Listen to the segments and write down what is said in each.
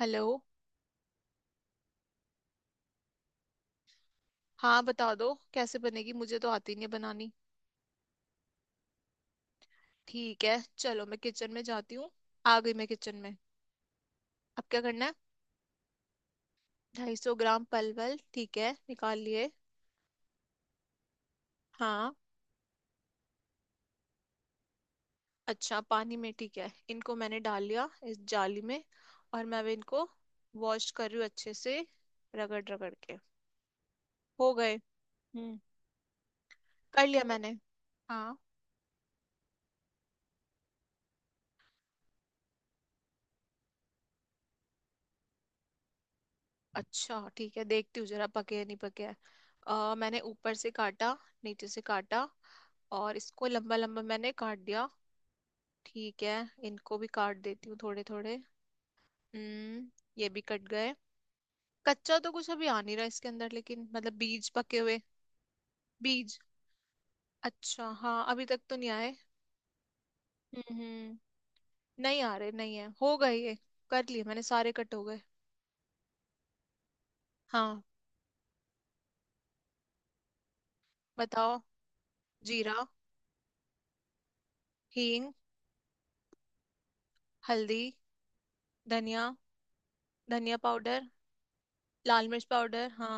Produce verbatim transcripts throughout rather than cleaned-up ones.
Hello. हाँ, बता दो कैसे बनेगी, मुझे तो आती नहीं है बनानी। ठीक है, चलो मैं किचन में जाती हूँ। आ गई मैं किचन में। अब क्या करना है? ढाई सौ ग्राम पलवल, ठीक है, निकाल लिए। हाँ। अच्छा, पानी में, ठीक है, इनको मैंने डाल लिया इस जाली में। और मैं अब इनको वॉश कर रही हूँ अच्छे से, रगड़ रगड़ के। हो गए। हम्म। कर लिया मैंने। हाँ। अच्छा ठीक है, देखती हूँ जरा पके है नहीं पके है। अ, मैंने ऊपर से काटा। नीचे से काटा। और इसको लंबा लंबा मैंने काट दिया। ठीक है। इनको भी काट देती हूँ थोड़े थोड़े। हम्म। ये भी कट गए। कच्चा तो कुछ अभी आ नहीं रहा इसके अंदर, लेकिन मतलब बीज पके हुए। बीज। अच्छा, हाँ, अभी तक तो नहीं आए। हम्म। नहीं आ रहे, नहीं है, हो गए ये। कर लिए मैंने, सारे कट हो गए। हाँ। बताओ। जीरा। हींग। हल्दी। धनिया। धनिया पाउडर। लाल मिर्च पाउडर। हाँ।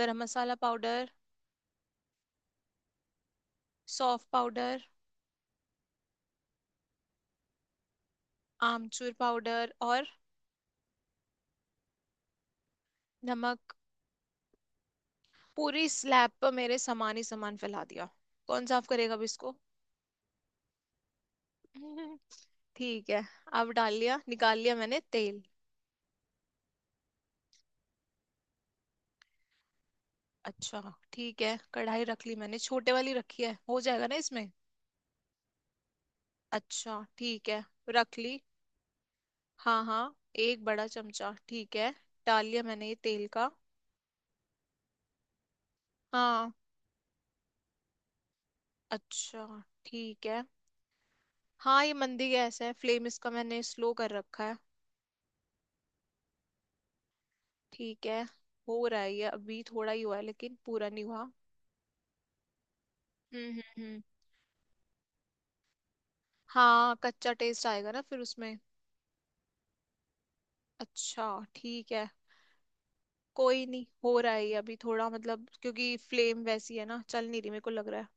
गरम मसाला पाउडर। सौंफ पाउडर। आमचूर पाउडर और। नमक। पूरी स्लैब पर मेरे सामान ही सामान फैला दिया। कौन साफ करेगा अब इसको? ठीक है। अब डाल लिया निकाल लिया मैंने तेल। अच्छा ठीक है, कढ़ाई रख ली मैंने, छोटे वाली रखी है, हो जाएगा ना इसमें? अच्छा ठीक है, रख ली। हाँ हाँ। एक बड़ा चमचा, ठीक है। डाल लिया मैंने ये तेल का। हाँ। अच्छा ठीक है। हाँ ये मंदी गैस है, फ्लेम इसका मैंने स्लो कर रखा है। ठीक है। हो रहा है, ये अभी थोड़ा ही हुआ है लेकिन पूरा नहीं हुआ। हम्म हम्म हम्म। हाँ, कच्चा टेस्ट आएगा ना फिर उसमें। अच्छा ठीक है। कोई नहीं, हो रहा है ये, अभी थोड़ा मतलब क्योंकि फ्लेम वैसी है ना, चल नहीं रही, मेरे को लग रहा है।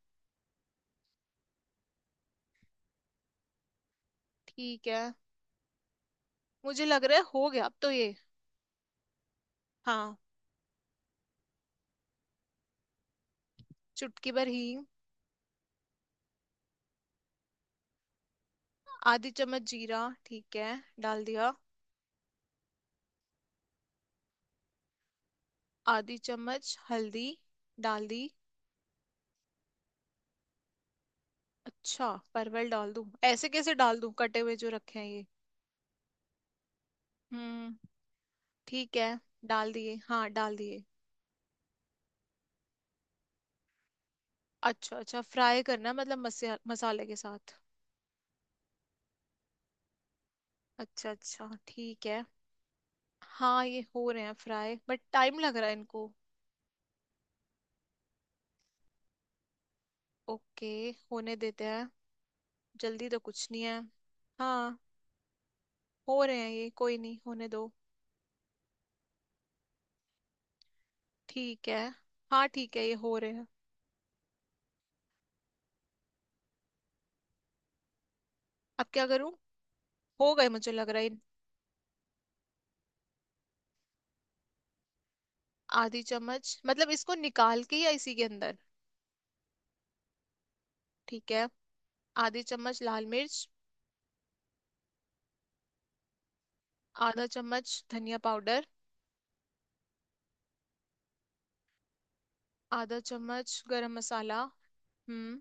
ठीक है। मुझे लग रहा है हो गया अब तो ये। हाँ। चुटकी भर हींग। आधी चम्मच जीरा। ठीक है, डाल दिया। आधी चम्मच हल्दी। डाल दी। अच्छा, परवल डाल दूं? ऐसे कैसे डाल दूं, कटे हुए जो रखे हैं ये। हम्म। ठीक है। डाल दिए, हाँ डाल दिए। अच्छा अच्छा, फ्राई करना है, मतलब मसा, मसाले के साथ। अच्छा अच्छा ठीक है। हाँ ये हो रहे हैं फ्राई, बट टाइम लग रहा है इनको। ओके। होने देते हैं। जल्दी तो कुछ नहीं है। हाँ हो रहे हैं ये, कोई नहीं, होने दो। ठीक है। हाँ ठीक है, ये हो रहे हैं। अब क्या करूँ? हो गए मुझे लग रहा है। आधी चम्मच मतलब इसको निकाल के या इसी के अंदर? ठीक है। आधी चम्मच लाल मिर्च। आधा चम्मच धनिया पाउडर। आधा चम्मच गरम मसाला। हम्म।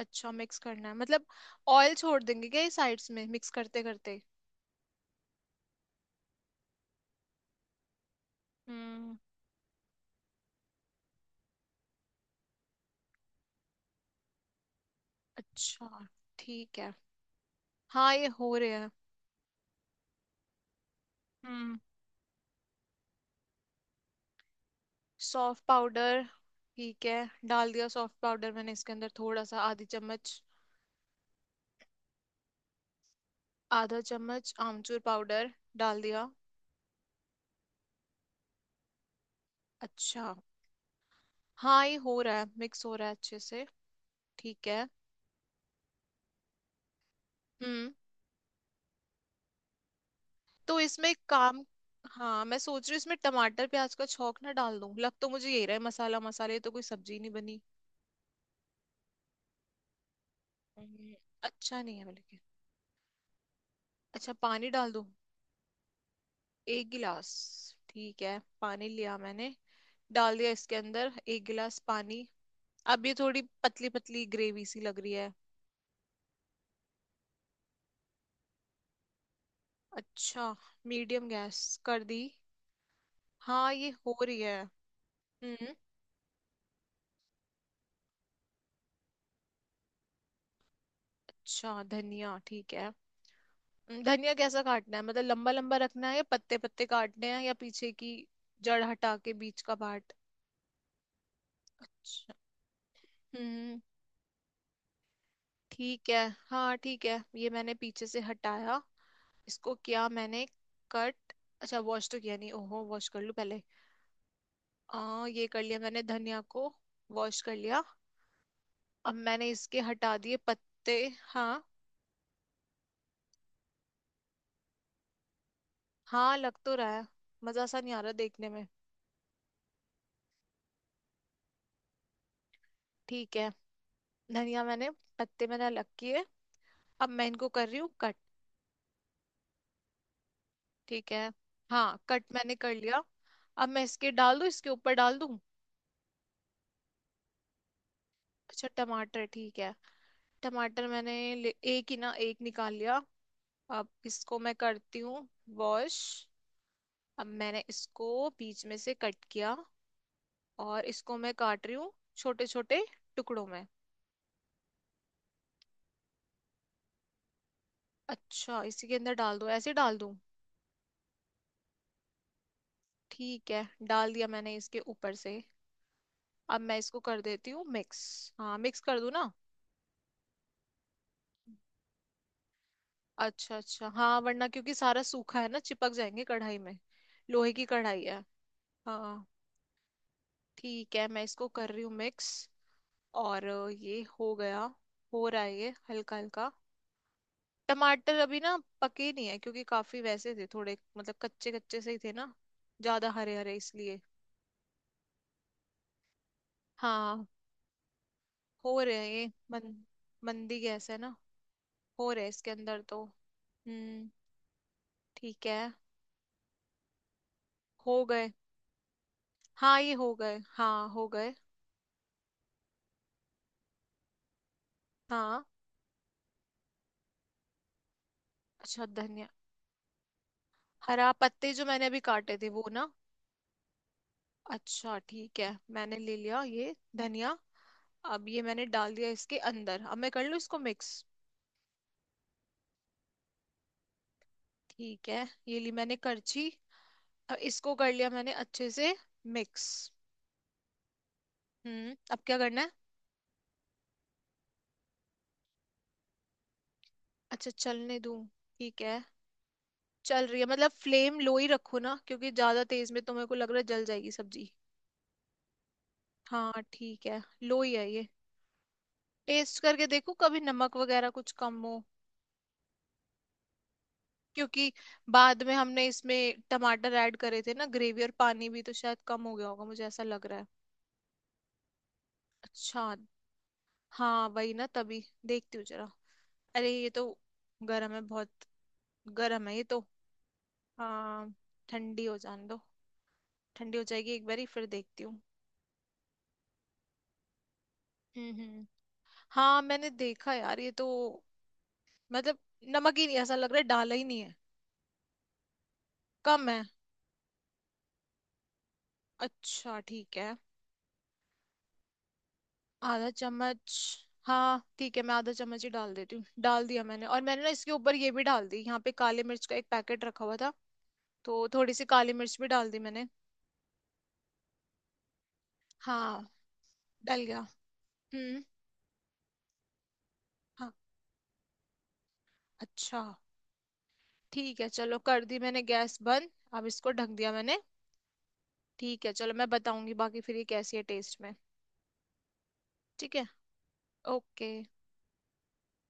अच्छा, मिक्स करना है मतलब? ऑयल छोड़ देंगे क्या ये साइड्स में मिक्स करते करते? हम्म। अच्छा ठीक है। हाँ ये हो रहे हैं। हम्म। सौंफ पाउडर, ठीक है। डाल दिया सौंफ पाउडर मैंने इसके अंदर, थोड़ा सा, आधी चम्मच। आधा चम्मच आमचूर पाउडर। डाल दिया। अच्छा। हाँ ये हो रहा है, मिक्स हो रहा है अच्छे से। ठीक है। हम्म। तो इसमें काम। हाँ, मैं सोच रही हूँ इसमें टमाटर प्याज का छौंक ना डाल दूं? लग तो मुझे यही रहा है, मसाला मसाले तो कोई सब्जी नहीं बनी। हम्म, अच्छा नहीं है बल्कि। अच्छा, पानी डाल दूं? एक गिलास, ठीक है, पानी लिया मैंने। डाल दिया इसके अंदर एक गिलास पानी। अब ये थोड़ी पतली पतली ग्रेवी सी लग रही है। अच्छा। मीडियम गैस कर दी। हाँ ये हो रही है। हम्म। अच्छा धनिया, ठीक है। हम्म, धनिया कैसा काटना है, मतलब लंबा लंबा रखना है, या पत्ते पत्ते काटने हैं, या पीछे की जड़ हटा के बीच का पार्ट? अच्छा। हम्म। ठीक है। हाँ ठीक है, ये मैंने पीछे से हटाया। इसको किया मैंने कट। अच्छा, वॉश तो किया नहीं, ओहो, वॉश कर लूँ पहले। आ, ये कर लिया मैंने धनिया को। वॉश कर लिया। अब मैंने इसके हटा दिए पत्ते। हाँ। हाँ, लग तो रहा है, मजा सा नहीं आ रहा देखने में। ठीक है। धनिया मैंने पत्ते मैंने अलग किए। अब मैं इनको कर रही हूँ। ठीक है। हाँ, कट मैंने कर लिया। अब मैं इसके डाल दूँ, इसके ऊपर डाल दूँ? अच्छा टमाटर, ठीक है। टमाटर मैंने ले- एक ही ना, एक निकाल लिया। अब इसको मैं करती हूँ वॉश। अब मैंने इसको बीच में से कट किया, और इसको मैं काट रही हूँ छोटे छोटे टुकड़ों में। अच्छा इसी के अंदर डाल दूँ, ऐसे डाल दूँ? ठीक है, डाल दिया मैंने इसके ऊपर से। अब मैं इसको कर देती हूँ मिक्स। हाँ, मिक्स कर दूँ ना? अच्छा अच्छा हाँ, वरना क्योंकि सारा सूखा है ना, चिपक जाएंगे कढ़ाई में, लोहे की कढ़ाई है। हाँ। ठीक है, मैं इसको कर रही हूँ मिक्स। और अ, ये हो गया। हो रहा है ये हल्का हल्का। टमाटर अभी ना पके नहीं है, क्योंकि काफी वैसे थे थोड़े, मतलब कच्चे कच्चे से ही थे ना, ज्यादा हरे हरे, इसलिए। हाँ। हो रहे हैं ये मन, मंदी गैस है ना, हो रहे हैं इसके अंदर तो। हम्म। ठीक है। हो गए। हाँ ये हो गए, हाँ हो गए। हाँ। अच्छा धनिया। हरा पत्ते जो मैंने अभी काटे थे वो ना। अच्छा ठीक है, मैंने ले लिया ये धनिया। अब ये मैंने डाल दिया इसके अंदर, अब मैं कर लूँ इसको मिक्स। ठीक है, ये ली मैंने करछी। अब इसको कर लिया मैंने अच्छे से मिक्स। हम्म। अब क्या करना है? अच्छा, चलने दूँ, ठीक है। चल रही है, मतलब फ्लेम लो ही रखो ना, क्योंकि ज्यादा तेज में तो मेरे को लग रहा है जल जाएगी सब्जी। हाँ ठीक है, लो ही है ये। टेस्ट करके देखो कभी, नमक वगैरह कुछ कम हो। क्योंकि बाद में हमने इसमें टमाटर ऐड करे थे ना, ग्रेवी और पानी भी, तो शायद कम हो गया होगा, मुझे ऐसा लग रहा है। अच्छा। हाँ वही ना, तभी देखती हूँ जरा। अरे ये तो गर्म है बहुत, गर्म है ये तो। हाँ, ठंडी हो जाने दो, ठंडी हो जाएगी एक बारी फिर देखती हूँ। हम्म हम्म। हाँ, मैंने देखा यार, ये तो मतलब नमक ही नहीं, ऐसा लग रहा है डाला ही नहीं है, कम है। अच्छा ठीक है। आधा चम्मच, हाँ ठीक है, मैं आधा चम्मच ही डाल देती हूँ। डाल दिया मैंने, और मैंने ना इसके ऊपर ये भी डाल दी, यहाँ पे काली मिर्च का एक पैकेट रखा हुआ था, तो थोड़ी सी काली मिर्च भी डाल दी मैंने। हाँ। डल गया। हम्म। हाँ। अच्छा ठीक है, चलो कर दी मैंने गैस बंद, अब इसको ढक दिया मैंने। ठीक है, चलो मैं बताऊंगी बाकी फिर ये कैसी है टेस्ट में। ठीक है। ओके।